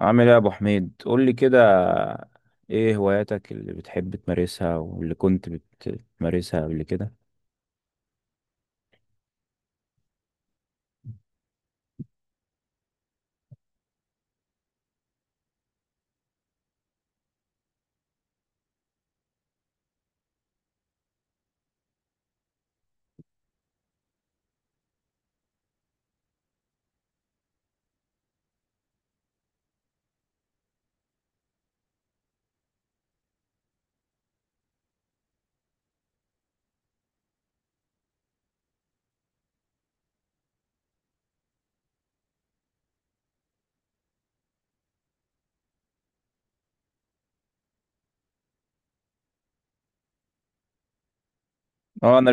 عامل ايه يا ابو حميد؟ قول لي كده. ايه هواياتك اللي بتحب تمارسها واللي كنت بتمارسها قبل كده؟ اه، انا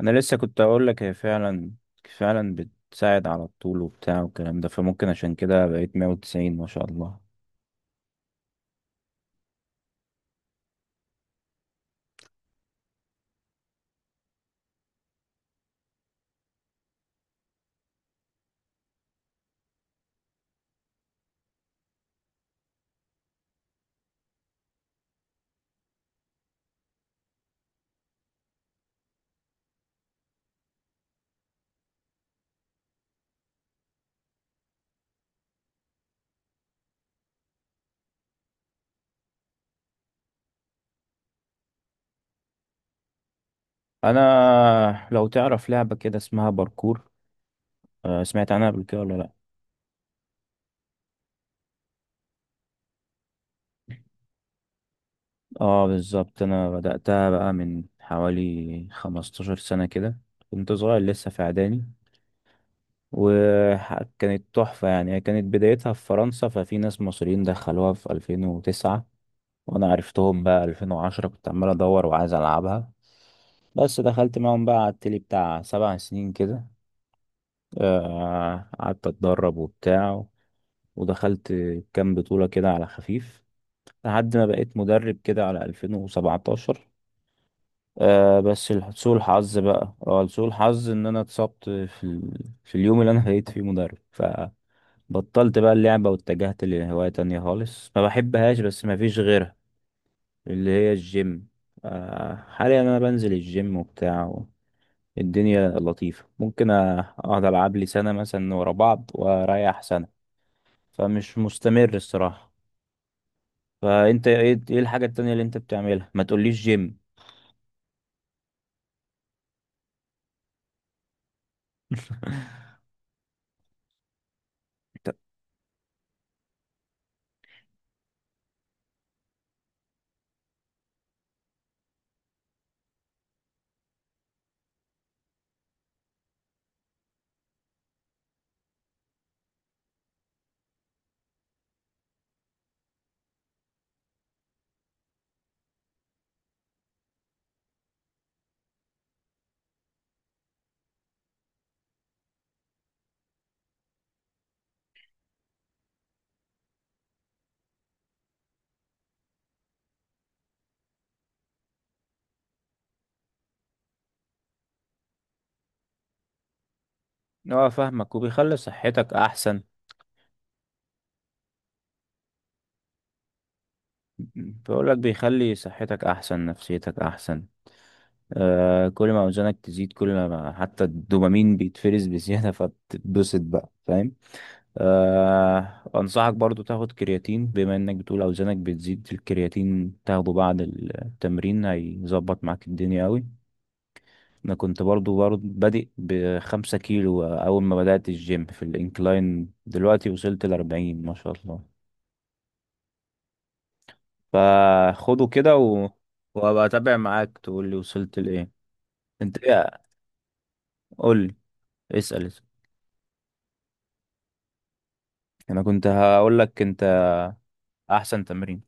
انا لسه كنت اقول لك هي فعلا فعلا بتساعد على الطول وبتاع والكلام ده، فممكن عشان كده بقيت 190 ما شاء الله. انا لو تعرف لعبة كده اسمها باركور، سمعت عنها قبل كده ولا لا؟ اه بالظبط، انا بدأتها بقى من حوالي 15 سنة كده. كنت صغير لسه في اعدادي، وكانت تحفة. يعني هي كانت بدايتها في فرنسا، ففي ناس مصريين دخلوها في 2009، وانا عرفتهم بقى 2010. كنت عمال ادور وعايز العبها، بس دخلت معاهم بقى على التلي بتاع 7 سنين كده. قعدت اتدرب وبتاع، ودخلت كام بطولة كده على خفيف لحد ما بقيت مدرب كده على 2017. بس سوء الحظ ان انا اتصبت في اليوم اللي انا بقيت فيه مدرب. فبطلت بقى اللعبة واتجهت لهواية تانية خالص، ما بحبهاش بس ما فيش غيرها، اللي هي الجيم. حاليا انا بنزل الجيم وبتاع. الدنيا لطيفة، ممكن اقعد العب لي سنة مثلا ورا بعض واريح سنة، فمش مستمر الصراحة. فانت ايه، إيه الحاجة التانية اللي انت بتعملها؟ ما تقوليش جيم. اه فاهمك، وبيخلي صحتك احسن. بقول لك بيخلي صحتك احسن، نفسيتك احسن. كل ما اوزانك تزيد، كل ما حتى الدوبامين بيتفرز بزياده، فبتتبسط بقى، فاهم؟ انصحك برضو تاخد كرياتين، بما انك بتقول اوزانك بتزيد. الكرياتين تاخده بعد التمرين، هيظبط معاك الدنيا قوي. انا كنت برضو بادئ ب5 كيلو اول ما بدأت الجيم في الانكلاين، دلوقتي وصلت ل40 ما شاء الله. فخده كده وابقى اتابع معاك تقول لي وصلت لايه. انت ايه؟ قول لي. اسأل. انا كنت هقول لك انت احسن تمرين.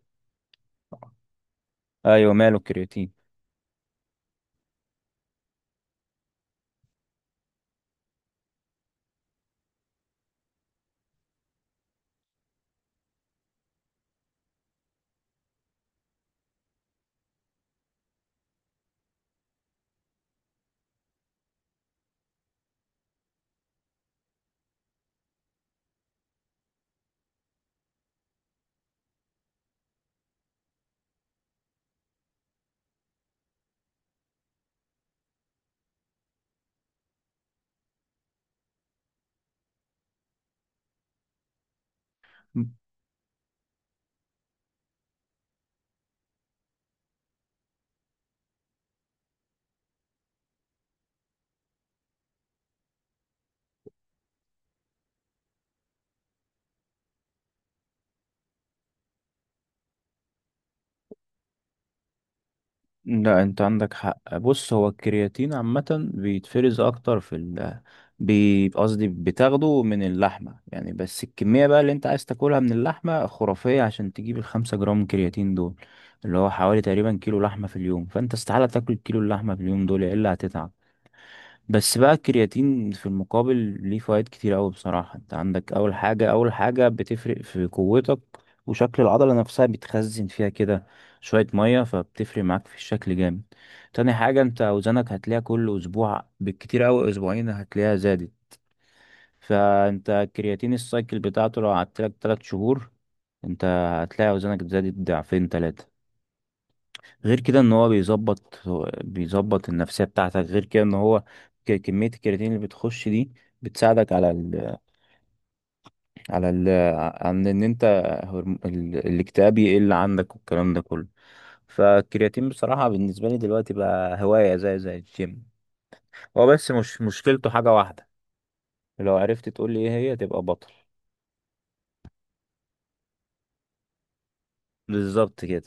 ايوه، ماله الكرياتين؟ لا، انت عندك حق. بص، هو الكرياتين عامة بيتفرز اكتر، قصدي بتاخده من اللحمة يعني. بس الكمية بقى اللي انت عايز تاكلها من اللحمة خرافية عشان تجيب ال5 جرام كرياتين دول، اللي هو حوالي تقريبا كيلو لحمة في اليوم. فانت استحالة تاكل كيلو اللحمة في اليوم دول الا هتتعب. بس بقى الكرياتين في المقابل ليه فوائد كتير قوي بصراحة. انت عندك اول حاجة، اول حاجة بتفرق في قوتك. وشكل العضلة نفسها بتخزن فيها كده شوية مية، فبتفرق معاك في الشكل جامد. تاني حاجة، انت اوزانك هتلاقيها كل اسبوع، بالكتير قوي اسبوعين، هتلاقيها زادت. فانت الكرياتين السايكل بتاعته لو قعدت لك 3 شهور، انت هتلاقي اوزانك زادت ضعفين تلاتة. غير كده ان هو بيظبط النفسيه بتاعتك. غير كده ان هو كميه الكرياتين اللي بتخش دي بتساعدك على ال على ال عن ان انت، الاكتئاب يقل عندك والكلام ده كله. فالكرياتين بصراحه بالنسبه لي دلوقتي بقى هوايه، زي الجيم. هو بس مش مشكلته حاجه واحده، لو عرفت تقول لي ايه هي تبقى بطل. بالظبط كده.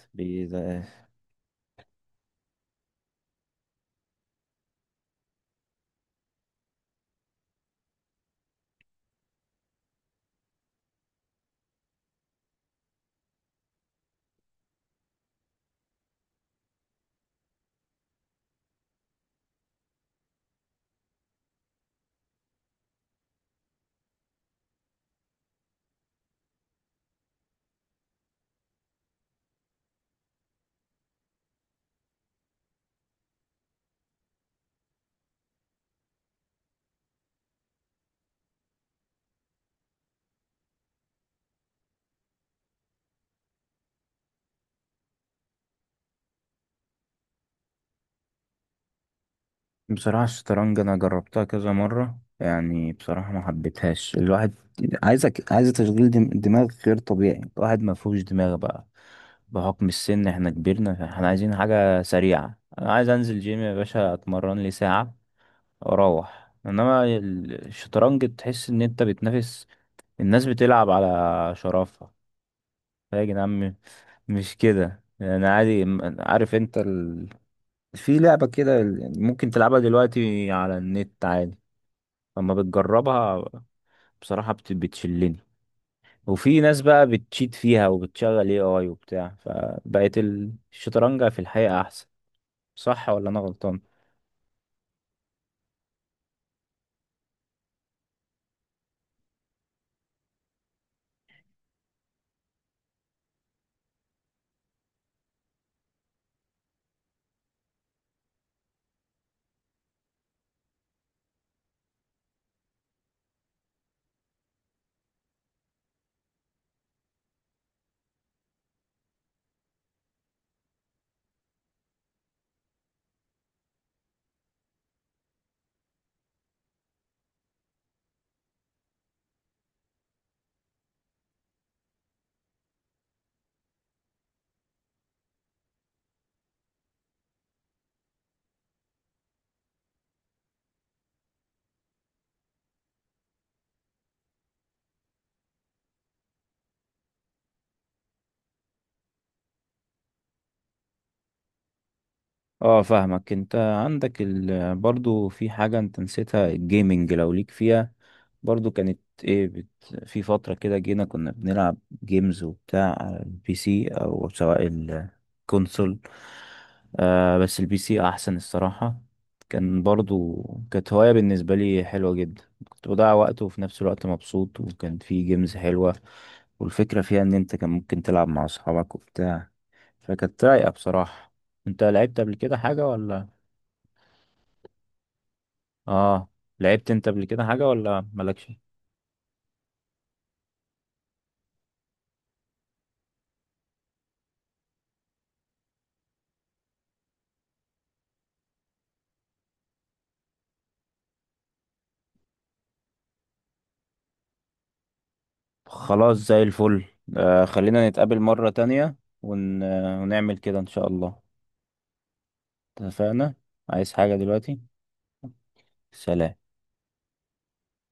بصراحة الشطرنج أنا جربتها كذا مرة، يعني بصراحة ما حبيتهاش. الواحد عايز تشغيل دماغ غير طبيعي، الواحد ما فيهوش دماغ بقى، بحكم السن. احنا كبرنا، احنا عايزين حاجة سريعة. أنا عايز أنزل جيم يا باشا، أتمرن لي ساعة وأروح. إنما الشطرنج تحس إن أنت بتنافس، الناس بتلعب على شرفها. يا جدعان مش كده. أنا عادي، عارف أنت في لعبة كده ممكن تلعبها دلوقتي على النت عادي. اما بتجربها بصراحة، بتشلني. وفي ناس بقى بتشيت فيها وبتشغل اي وبتاع، فبقت الشطرنج في الحقيقة احسن. صح ولا انا غلطان؟ اه فاهمك. انت عندك برضو في حاجة انت نسيتها، الجيمنج لو ليك فيها. برضو كانت ايه في فترة كده جينا كنا بنلعب جيمز وبتاع على البي سي او سواء الكونسول. بس البي سي احسن الصراحة. كان برضو كانت هواية بالنسبة لي حلوة جدا، كنت بضيع وقت وفي نفس الوقت مبسوط، وكان في جيمز حلوة. والفكرة فيها ان انت كان ممكن تلعب مع اصحابك وبتاع، فكانت رايقة بصراحة. انت لعبت قبل كده حاجة ولا؟ اه، لعبت انت قبل كده حاجة ولا مالكش؟ خلاص زي الفل. خلينا نتقابل مرة تانية، ون... آه، ونعمل كده إن شاء الله. اتفقنا. عايز حاجة دلوقتي؟ سلام.